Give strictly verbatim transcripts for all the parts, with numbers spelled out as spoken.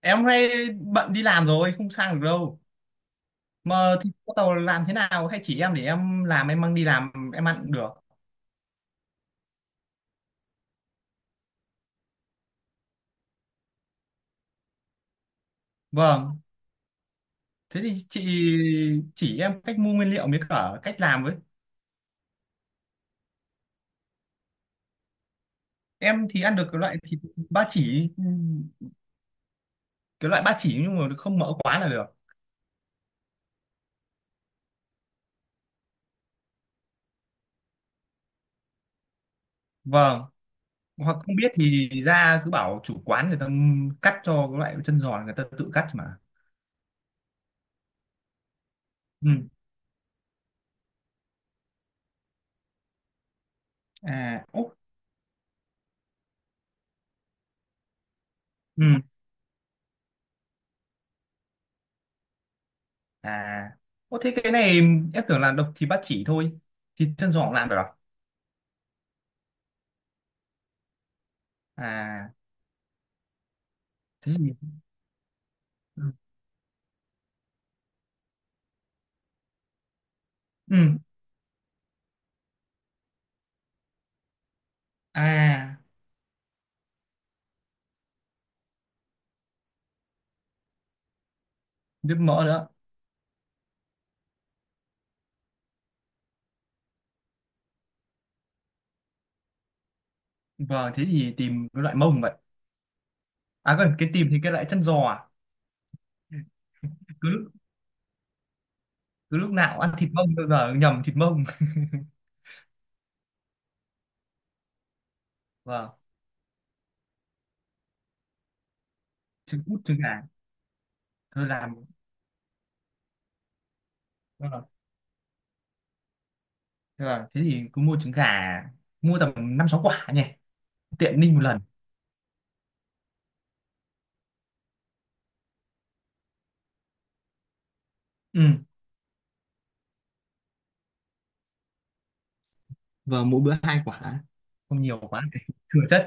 Em hôm nay bận đi làm rồi, không sang được đâu. Mà thì bắt đầu làm thế nào, hay chỉ em để em làm em mang đi làm em ăn cũng được. Vâng, thế thì chị chỉ em cách mua nguyên liệu với cả cách làm với. Em thì ăn được cái loại thịt ba chỉ, cái loại ba chỉ nhưng mà không mỡ quá là được. Vâng. Hoặc không biết thì ra cứ bảo chủ quán người ta cắt cho, cái loại chân giòn người ta tự cắt mà. Ừ. À ố. Ừ. À ô, thế cái này em tưởng là độc thì ba chỉ thôi, thịt chân giòn làm được à? À thế thì. Ừ. Ừ. À. Nước mỡ nữa. Vâng, thế thì tìm cái loại mông vậy. À còn cái tìm thì cái loại chân giò à. Ừ. cứ lúc cứ lúc nào ăn thịt mông bao giờ nhầm thịt mông. Vâng. Trứng cút, trứng gà. Thôi làm. Vâng. Vâng, thế thì cứ mua trứng gà, mua tầm năm sáu quả nhỉ. Tiện ninh một lần. Ừ. Vâng, mỗi bữa hai quả. Không nhiều quá để thừa chất.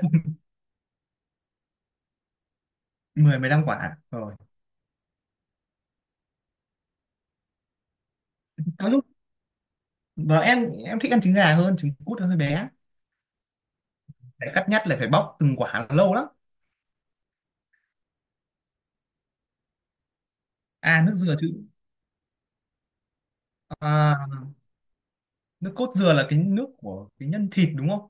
mười mười lăm quả rồi. Nói chung vợ em em thích ăn trứng gà hơn trứng cút nó hơi bé, phải cắt nhắt lại, phải bóc từng quả lâu lắm. À nước dừa chứ. À, nước cốt dừa là cái nước của cái nhân thịt đúng không.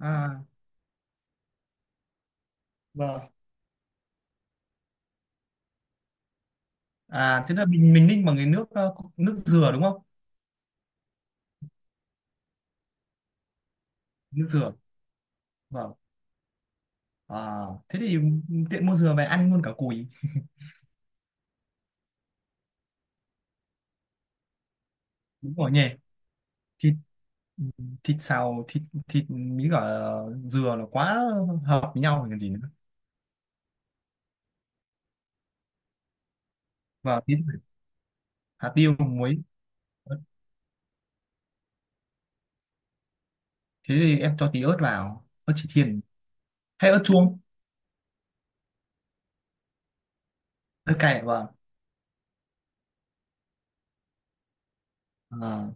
À, vâng. À thế là mình mình ninh bằng cái nước ờ, nước dừa đúng không. Nước dừa. Vâng. À, thế thì tiện mua dừa về ăn luôn cả cùi. Đúng rồi nhỉ. Thịt thịt xào thịt thịt với cả dừa là quá hợp với nhau rồi còn gì nữa. Vâng tí rồi. Hạt tiêu muối. Thế thì em cho tí ớt vào, ớt chỉ thiên. Hay ớt chuông. Ớt cay, vâng. À,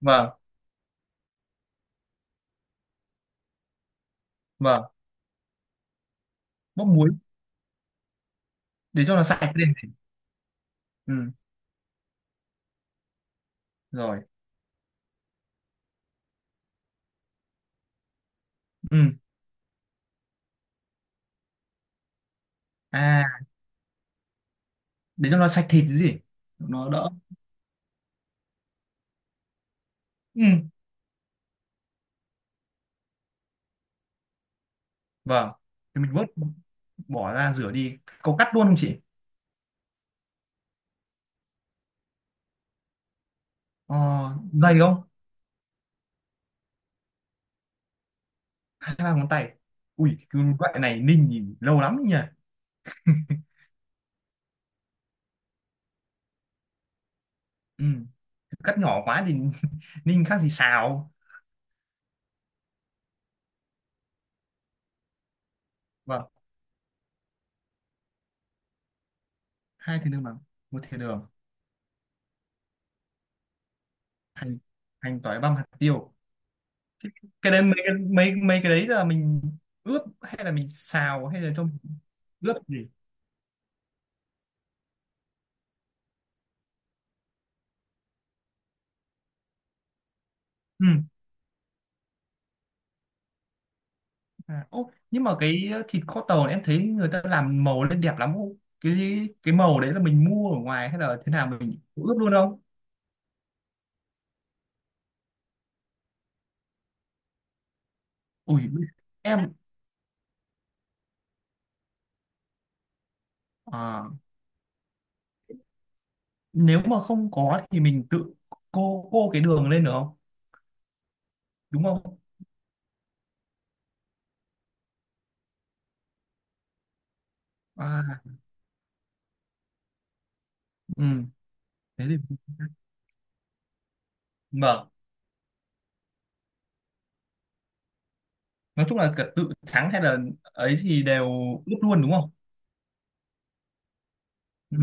vâng vâng. Bóp muối. Để cho nó sạch lên. Ừ. Rồi. Ừ. À để cho nó sạch thịt chứ gì. Nó đỡ. Ừ. Vâng. Thì mình vớt bỏ ra rửa đi, có cắt luôn không chị. Ờ, dày không. Hai ba ngón tay. Ui cái loại này ninh thì lâu lắm nhỉ. Ừ. Cắt nhỏ quá thì ninh khác gì xào. Vâng. Hai thìa đường bằng một thìa đường. Hành, hành tỏi băm, hạt tiêu. Thế cái đấy, mấy cái mấy mấy cái đấy là mình ướp hay là mình xào hay là trong. Ướp gì. Ừ. À, ô, nhưng mà cái thịt kho tàu này em thấy người ta làm màu lên đẹp lắm ô. Cái cái màu đấy là mình mua ở ngoài hay là thế nào, mình ướp luôn không? Ui em. À, nếu mà không có thì mình tự cô cô cái đường lên được không? Đúng không? À. Ừ thế thì. Vâng. Nói chung là cả tự thắng hay là ấy thì đều ướp luôn đúng không? Ừ.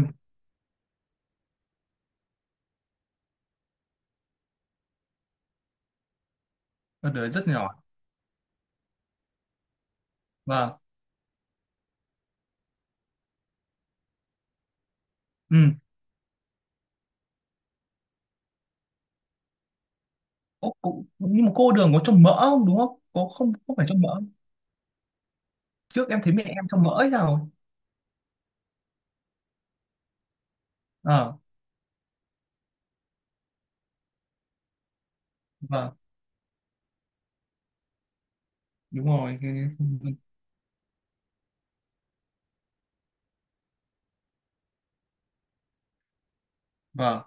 Con đường rất nhỏ. Vâng. Ừ. Ô, cô, nhưng mà cô đường có cho mỡ không đúng không? Có, không không phải cho mỡ. Trước em thấy mẹ em cho mỡ hay sao? Ờ. Vâng đúng rồi cái- cái- vâng.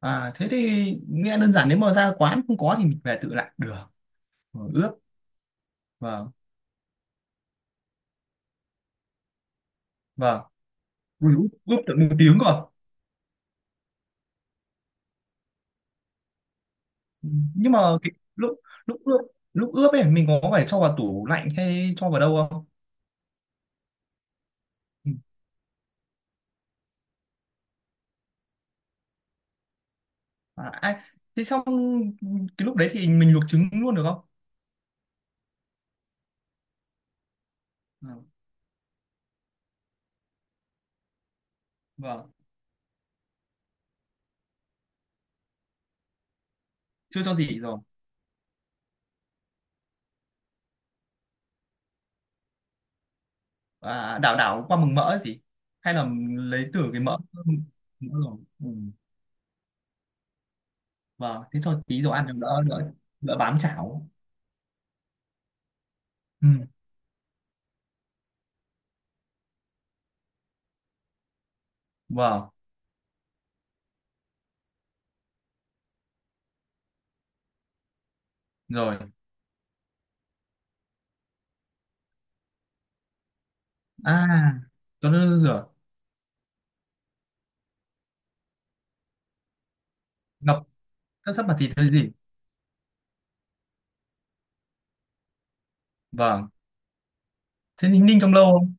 À thế thì nghe đơn giản, nếu mà ra quán không có thì mình về tự làm được. Ừ, ướp. Vâng. Vâng. Ui, ướp, ướp tận một tiếng cơ. Nhưng mà cái, lúc lúc ướp lúc ướp ấy mình có phải cho vào tủ lạnh hay cho vào đâu không. Ừ. À, ai. Thế xong, cái lúc đấy thì mình luộc trứng luôn được không. Ừ, vâng. Chưa cho gì rồi. À, đảo đảo qua mừng mỡ gì, hay là lấy từ cái mỡ mỡ. Rồi. Ừ. Vâng, thế cho tí dầu ăn cho đỡ đỡ đỡ bám chảo. Ừ. Vâng. Rồi. À cho nó rửa. Ngập, sắp sắp vào thịt hay gì. Vâng, thế ninh ninh trong lâu không.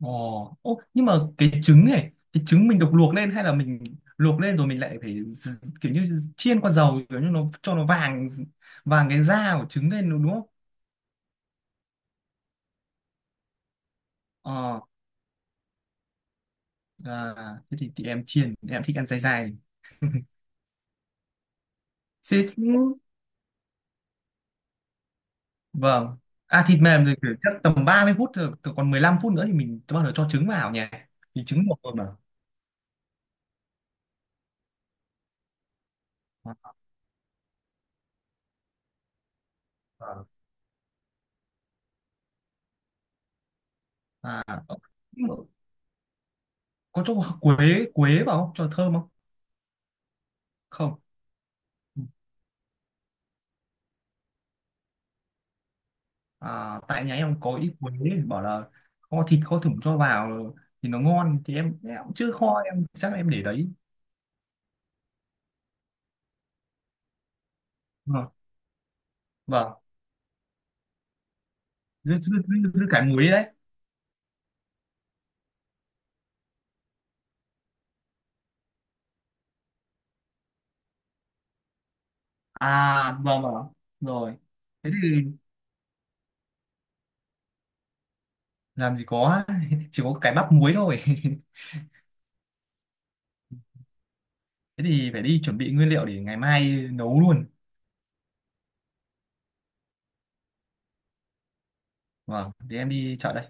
Ồ ô, nhưng mà cái trứng này, cái trứng mình được luộc lên hay là mình luộc lên rồi mình lại phải d- kiểu như chiên qua dầu kiểu như nó, cho nó vàng vàng cái da của trứng lên đúng không. Ờ. À, thế thì, thì em chiên, em thích ăn dai dai. Thế. Vâng. À thịt mềm thì kiểu chắc tầm ba mươi phút rồi, từ còn mười lăm phút nữa thì mình bắt đầu cho trứng vào nhỉ. Thì trứng luộc rồi mà. Vâng. À, nhưng mà có cho quế quế vào không? Cho thơm không? Không. À, tại nhà em có ít quế, bảo là kho thịt kho thủng cho vào thì nó ngon, thì em, em cũng chưa kho, em chắc là em để đấy. Vâng. Vâng. Dư, dư, dư, dư cả muối đấy. À vâng vâng. Rồi. Thế thì làm gì có chỉ có cái bắp muối thôi. Thế thì phải đi chuẩn bị nguyên liệu để ngày mai nấu luôn. Vâng để em đi chợ đây.